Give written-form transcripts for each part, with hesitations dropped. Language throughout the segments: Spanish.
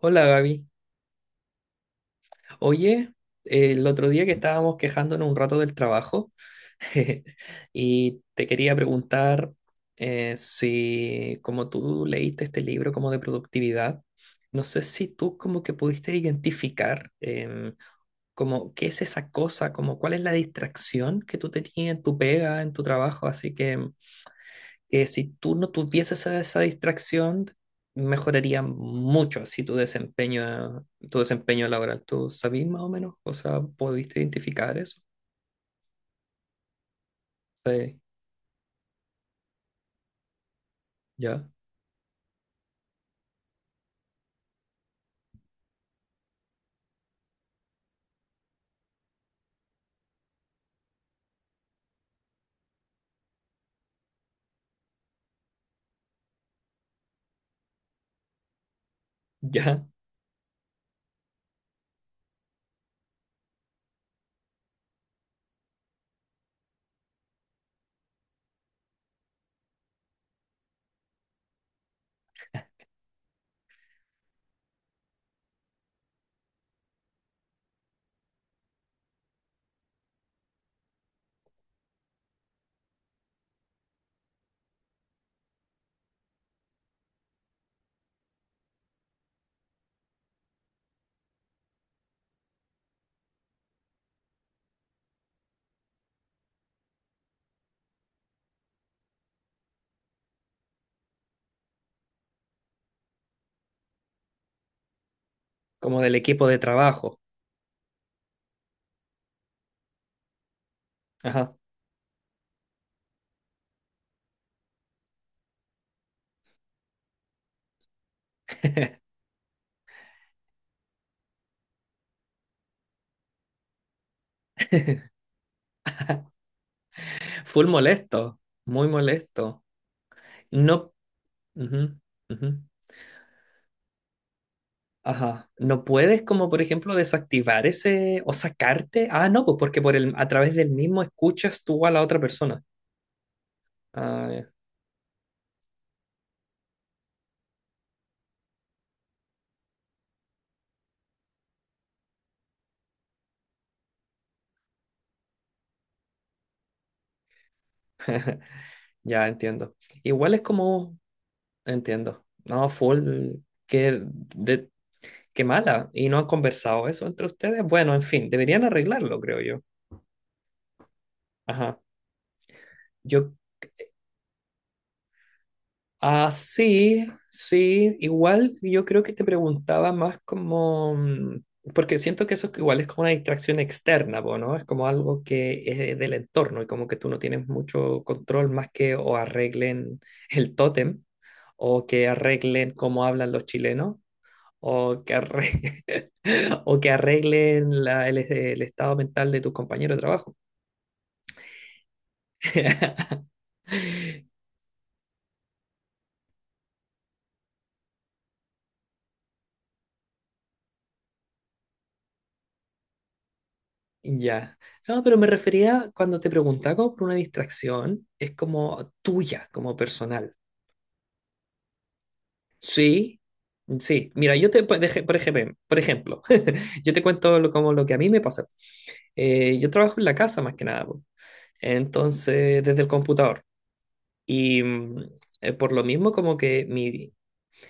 Hola Gaby. Oye, el otro día que estábamos quejándonos un rato del trabajo y te quería preguntar si como tú leíste este libro como de productividad, no sé si tú como que pudiste identificar como qué es esa cosa, como cuál es la distracción que tú tenías en tu pega, en tu trabajo, así que si tú no tuvieses esa distracción, mejoraría mucho así tu desempeño laboral. ¿Tú sabís más o menos? O sea, ¿pudiste identificar eso? Sí, ya, ya. Como del equipo de trabajo. Ajá. Full molesto, muy molesto. No, ujú, ujú. Ajá. ¿No puedes como por ejemplo desactivar ese o sacarte? Ah, no, pues porque por el, a través del mismo escuchas tú a la otra persona. Ah, ya. Ya entiendo. Igual es como, entiendo. No, full, que de, qué mala. ¿Y no han conversado eso entre ustedes? Bueno, en fin, deberían arreglarlo, creo yo. Ajá. Yo, ah, sí, sí. Igual yo creo que te preguntaba más como, porque siento que eso es igual es como una distracción externa, po, ¿no? Es como algo que es del entorno y como que tú no tienes mucho control más que o arreglen el tótem o que arreglen cómo hablan los chilenos o que arregle, o que arreglen el estado mental de tus compañeros de trabajo. Ya. No, pero me refería cuando te preguntaba como por una distracción, es como tuya, como personal. Sí, sí. Mira, yo te, por ejemplo, yo te cuento como lo que a mí me pasa. Yo trabajo en la casa más que nada, po. Entonces, desde el computador. Y por lo mismo, como que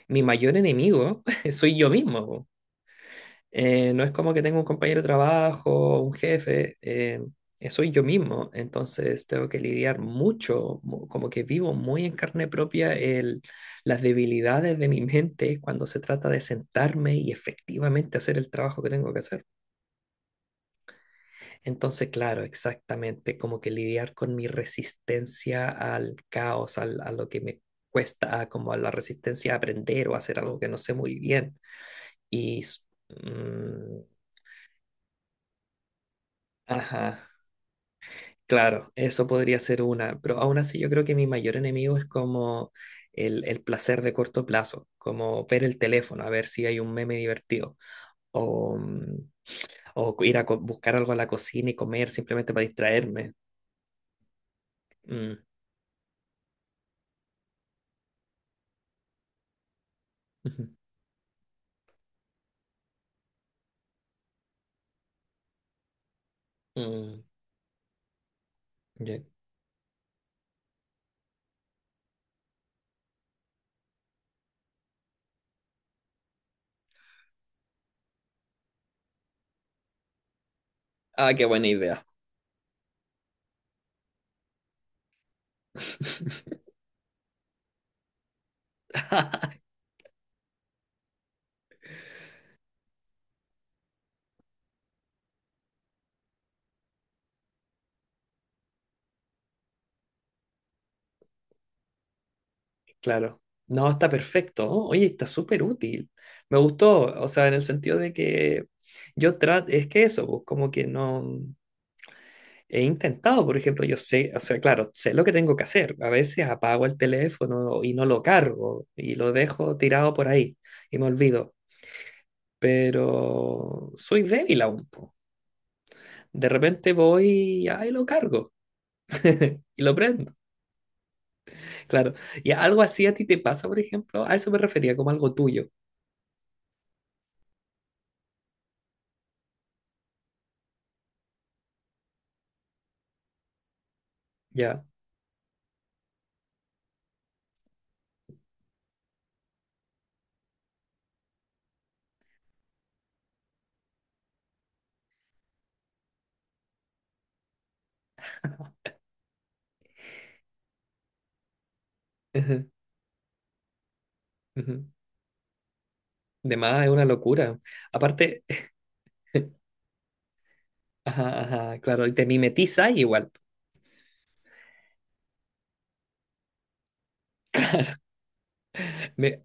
mi mayor enemigo soy yo mismo. Po. No es como que tengo un compañero de trabajo, un jefe, soy yo mismo. Entonces tengo que lidiar mucho, como que vivo muy en carne propia el, las debilidades de mi mente cuando se trata de sentarme y efectivamente hacer el trabajo que tengo que hacer. Entonces, claro, exactamente, como que lidiar con mi resistencia al caos, a lo que me cuesta, como a la resistencia a aprender o a hacer algo que no sé muy bien. Y... s- mm, ajá, claro, eso podría ser una, pero aún así yo creo que mi mayor enemigo es como el placer de corto plazo, como ver el teléfono, a ver si hay un meme divertido, o, o ir a buscar algo a la cocina y comer simplemente para distraerme. Mm. Ujú. Mm. Ya. Ah, qué buena idea. Claro. No, está perfecto. Oh, oye, está súper útil. Me gustó, o sea, en el sentido de que yo trato, es que eso, pues, como que no he intentado, por ejemplo, yo sé, o sea, claro, sé lo que tengo que hacer. A veces apago el teléfono y no lo cargo y lo dejo tirado por ahí y me olvido, pero soy débil aún, po. De repente voy y ahí lo cargo y lo prendo, claro. ¿Y algo así a ti te pasa, por ejemplo? A eso me refería, como algo tuyo, ya. Ujú, ujú. De más es una locura. Aparte, ajá, ajá, claro, y te mimetiza igual. Me-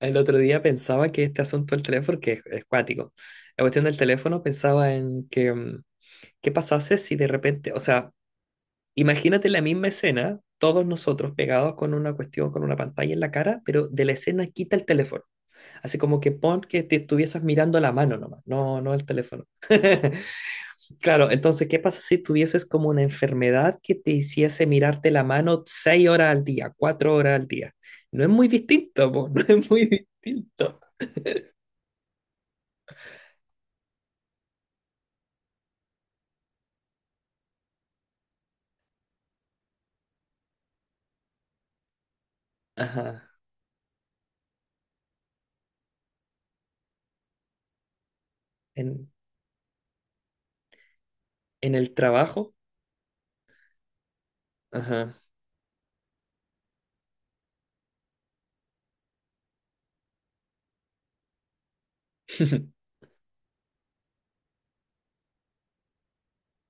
el otro día pensaba que este asunto del teléfono, que es cuático, la cuestión del teléfono pensaba en que, ¿qué pasase si de repente, o sea, imagínate la misma escena, todos nosotros pegados con una cuestión, con una pantalla en la cara, pero de la escena quita el teléfono? Así como que pon que te estuvieses mirando la mano nomás, no, no el teléfono. Claro, entonces, ¿qué pasa si tuvieses como una enfermedad que te hiciese mirarte la mano seis horas al día, cuatro horas al día? No es muy distinto, po, no es muy distinto. Ajá. En, en el trabajo. Ajá.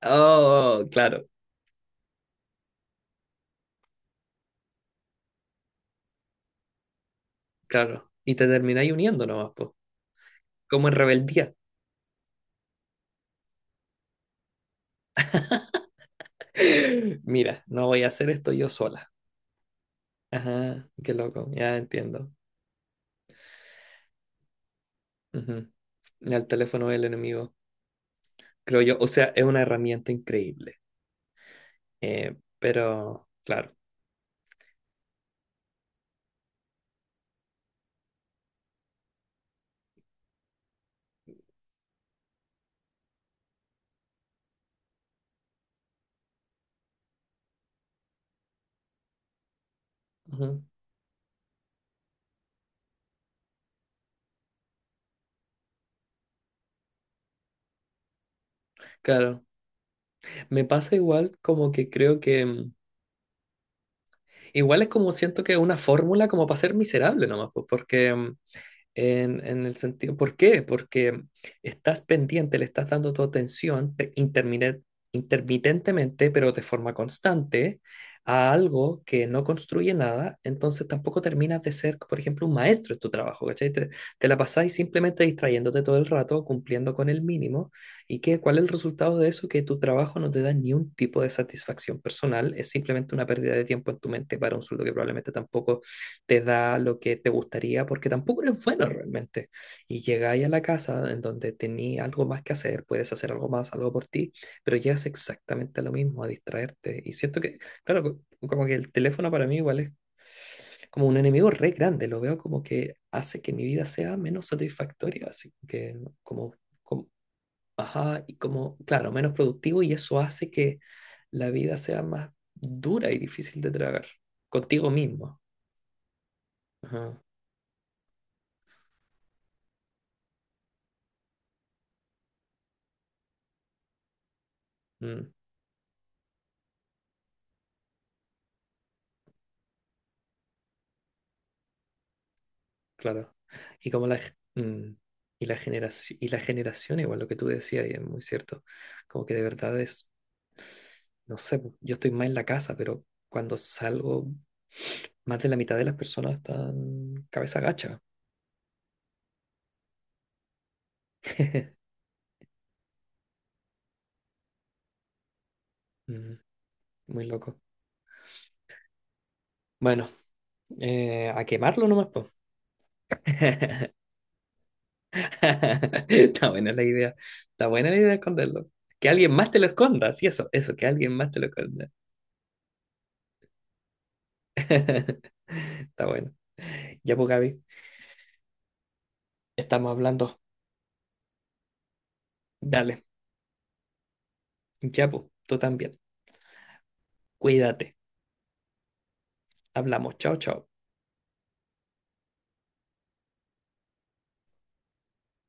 Oh, claro, claro. Y te termináis uniendo nomás, po, como en rebeldía. Mira, no voy a hacer esto yo sola. Ajá, qué loco, ya entiendo. Ujú. El teléfono del enemigo, creo yo. O sea, es una herramienta increíble. Pero, claro. Ujú. Claro. Me pasa igual como que creo que... igual es como siento que es una fórmula como para ser miserable nomás, pues, porque en el sentido, ¿por qué? Porque estás pendiente, le estás dando tu atención intermitentemente, pero de forma constante, a algo que no construye nada, entonces tampoco terminas de ser, por ejemplo, un maestro en tu trabajo, ¿cachai? Te la pasáis simplemente distrayéndote todo el rato, cumpliendo con el mínimo, y qué, ¿cuál es el resultado de eso? Que tu trabajo no te da ni un tipo de satisfacción personal, es simplemente una pérdida de tiempo en tu mente para un sueldo que probablemente tampoco te da lo que te gustaría porque tampoco eres bueno realmente. Y llegáis a la casa en donde tenías algo más que hacer, puedes hacer algo más, algo por ti, pero llegas exactamente a lo mismo, a distraerte. Y siento que, claro, como que el teléfono para mí igual es como un enemigo re grande, lo veo como que hace que mi vida sea menos satisfactoria, así que como... como ajá, y como, claro, menos productivo y eso hace que la vida sea más dura y difícil de tragar contigo mismo. Ajá. Mm. Claro. Y como y la generación, igual lo que tú decías, y es muy cierto, como que de verdad es, no sé, pu, yo estoy más en la casa, pero cuando salgo, más de la mitad de las personas están cabeza gacha. Mm. Muy loco. Bueno, a quemarlo nomás, pues. Está buena la idea. Está buena la idea de esconderlo. Que alguien más te lo esconda, sí, eso, que alguien más te lo esconda. Está bueno. Ya pues, Gaby, estamos hablando. Dale, ya, pues, tú también. Cuídate. Hablamos. Chao, chao.